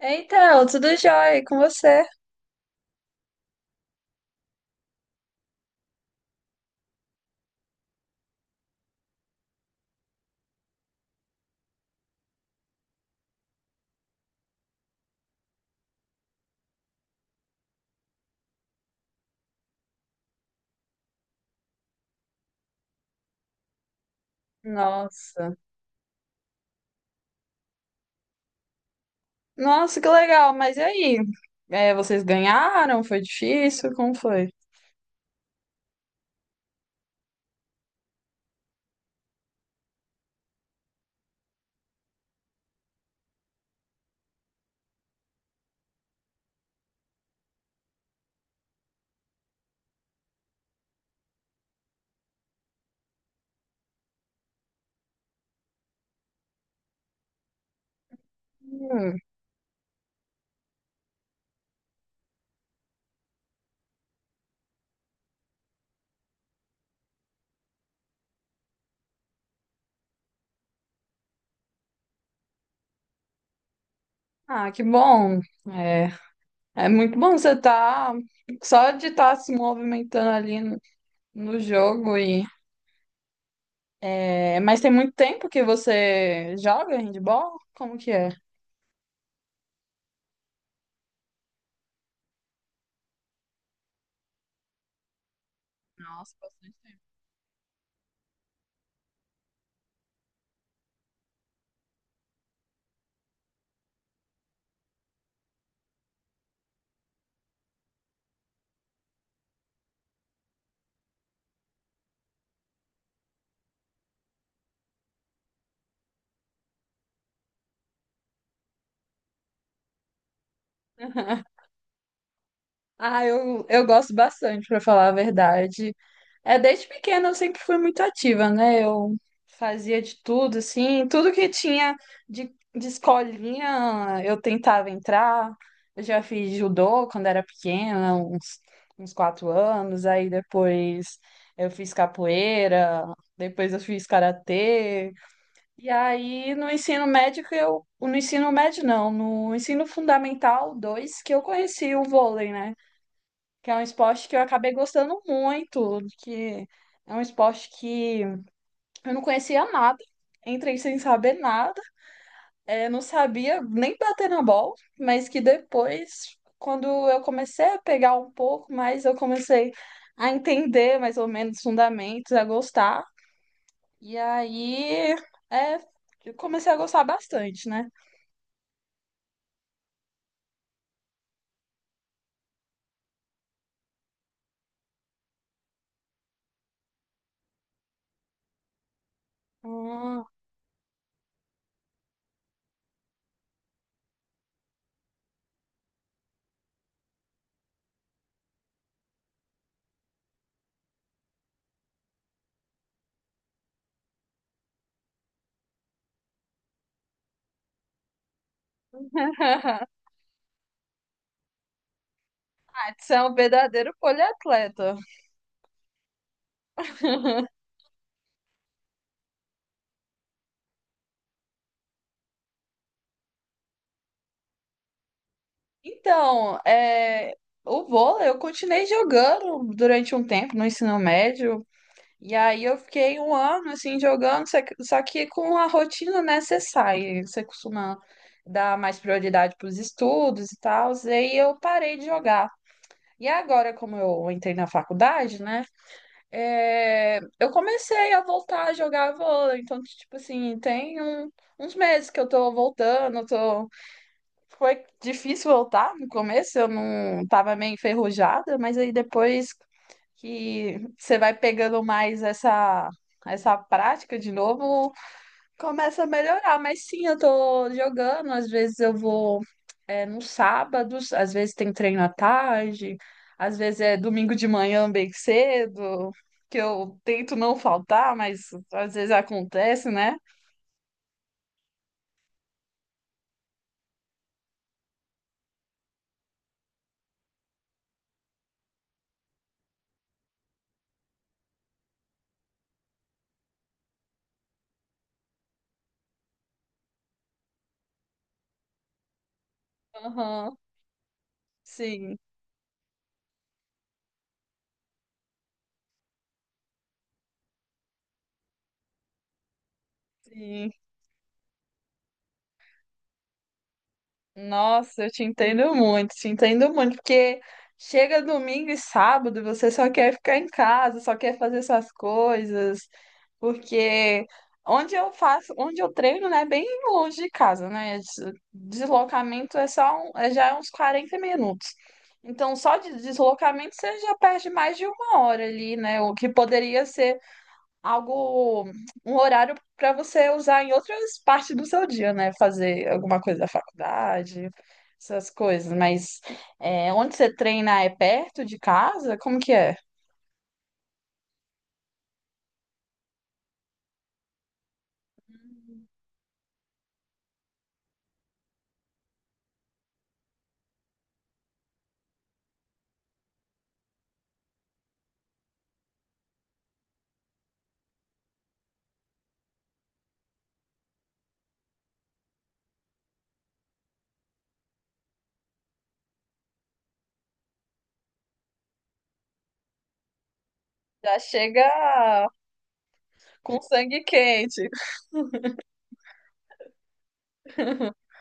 Então, tudo jóia e com você? Nossa. Nossa, que legal, mas e aí? É, vocês ganharam? Foi difícil? Como foi? Hum. Ah, que bom. É, é muito bom você estar só de estar se movimentando ali no jogo e mas tem muito tempo que você joga handball? Como que é? Nossa, bastante tempo. Ah, eu gosto bastante, pra falar a verdade. É, desde pequena eu sempre fui muito ativa, né? Eu fazia de tudo, assim, tudo que tinha de escolinha eu tentava entrar. Eu já fiz judô quando era pequena, uns 4 anos. Aí depois eu fiz capoeira, depois eu fiz karatê. E aí no ensino médio que eu, no ensino médio não, no ensino fundamental 2 que eu conheci o vôlei, né? Que é um esporte que eu acabei gostando muito, que é um esporte que eu não conhecia nada, entrei sem saber nada, não sabia nem bater na bola, mas que depois, quando eu comecei a pegar um pouco mais, eu comecei a entender mais ou menos os fundamentos, a gostar, e aí é, eu comecei a gostar bastante, né? Hum. Ah, você é um verdadeiro poliatleta. Então, é, o vôlei eu continuei jogando durante um tempo no ensino médio, e aí eu fiquei um ano assim jogando, só que com a rotina necessária. Você costuma dar mais prioridade para os estudos e tal, e aí eu parei de jogar. E agora, como eu entrei na faculdade, né? É, eu comecei a voltar a jogar vôlei. Então, tipo assim, uns meses que eu tô voltando, tô. Foi difícil voltar no começo, eu não tava meio enferrujada, mas aí depois que você vai pegando mais essa prática de novo, começa a melhorar. Mas sim, eu tô jogando, às vezes eu vou nos sábados, às vezes tem treino à tarde, às vezes é domingo de manhã bem cedo, que eu tento não faltar, mas às vezes acontece, né? Aham, sim, sim. Nossa, eu te entendo muito, porque chega domingo e sábado, você só quer ficar em casa, só quer fazer suas coisas, porque onde eu faço, onde eu treino, né, é bem longe de casa, né? Deslocamento é só já é uns 40 minutos. Então, só de deslocamento você já perde mais de uma hora ali, né? O que poderia ser algo, um horário para você usar em outras partes do seu dia, né? Fazer alguma coisa da faculdade, essas coisas. Mas é, onde você treina é perto de casa? Como que é? Já chega com sangue quente.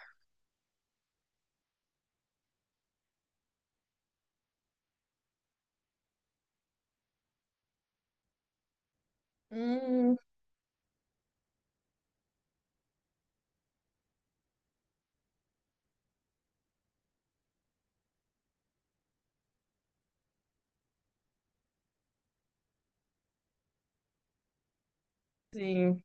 Hum, sim,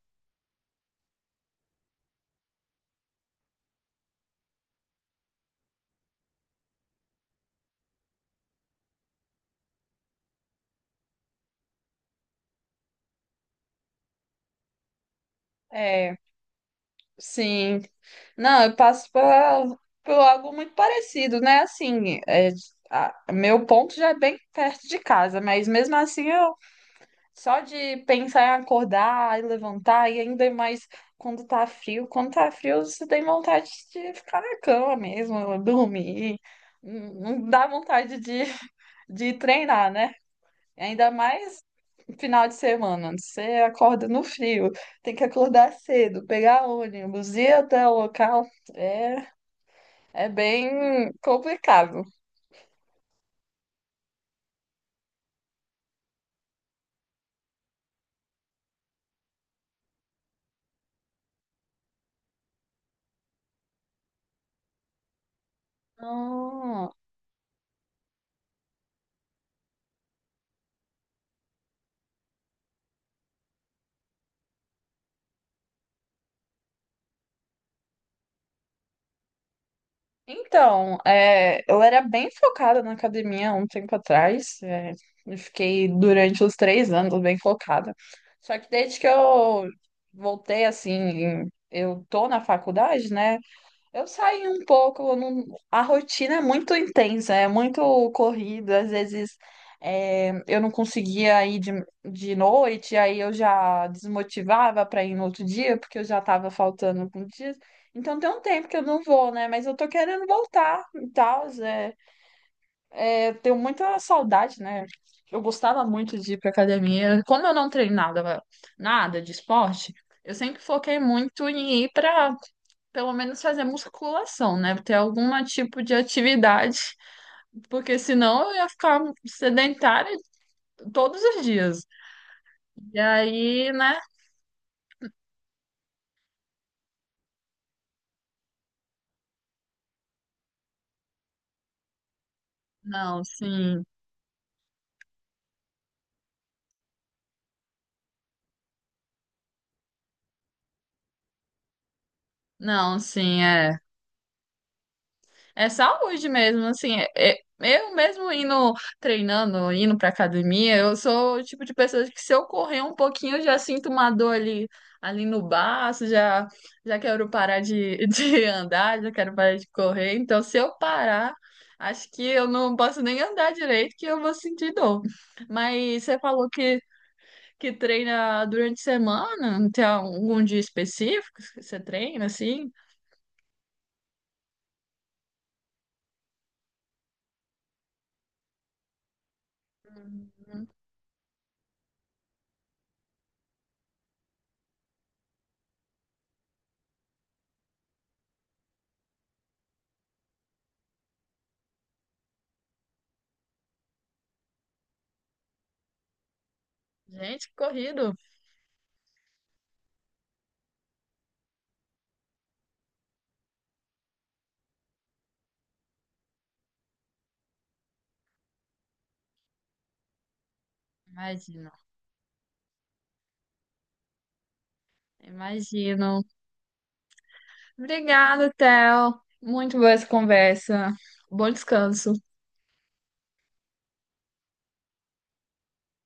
é, sim. Não, eu passo por algo muito parecido, né? Assim, é, meu ponto já é bem perto de casa, mas mesmo assim eu só de pensar em acordar e levantar, e ainda mais quando tá frio. Quando tá frio, você tem vontade de ficar na cama mesmo, dormir. Não dá vontade de treinar, né? Ainda mais final de semana. Você acorda no frio, tem que acordar cedo, pegar ônibus, ir até o local. É, é bem complicado. Ah, então, é, eu era bem focada na academia há um tempo atrás. É, eu fiquei durante os 3 anos bem focada. Só que desde que eu voltei, assim, eu tô na faculdade, né? Eu saí um pouco, eu não- a rotina é muito intensa, é muito corrida, às vezes é, eu não conseguia ir de noite, aí eu já desmotivava para ir no outro dia, porque eu já estava faltando alguns dias. Então tem um tempo que eu não vou, né? Mas eu tô querendo voltar e tal. É, é, tenho muita saudade, né? Eu gostava muito de ir pra academia. Quando eu não treinava nada de esporte, eu sempre foquei muito em ir para pelo menos fazer musculação, né? Ter algum tipo de atividade, porque senão eu ia ficar sedentária todos os dias. E aí, né? Não, sim. Não, sim, é. É saúde mesmo, assim, eu mesmo indo treinando, indo pra academia, eu sou o tipo de pessoa que se eu correr um pouquinho, eu já sinto uma dor ali, ali no baço, já, já quero parar de andar, já quero parar de correr, então se eu parar, acho que eu não posso nem andar direito, que eu vou sentir dor. Mas você falou que treina durante a semana, não tem algum dia específico que você treina, assim? Gente, que corrido, imagina. Imagino. Obrigada, Theo. Muito boa essa conversa. Bom descanso.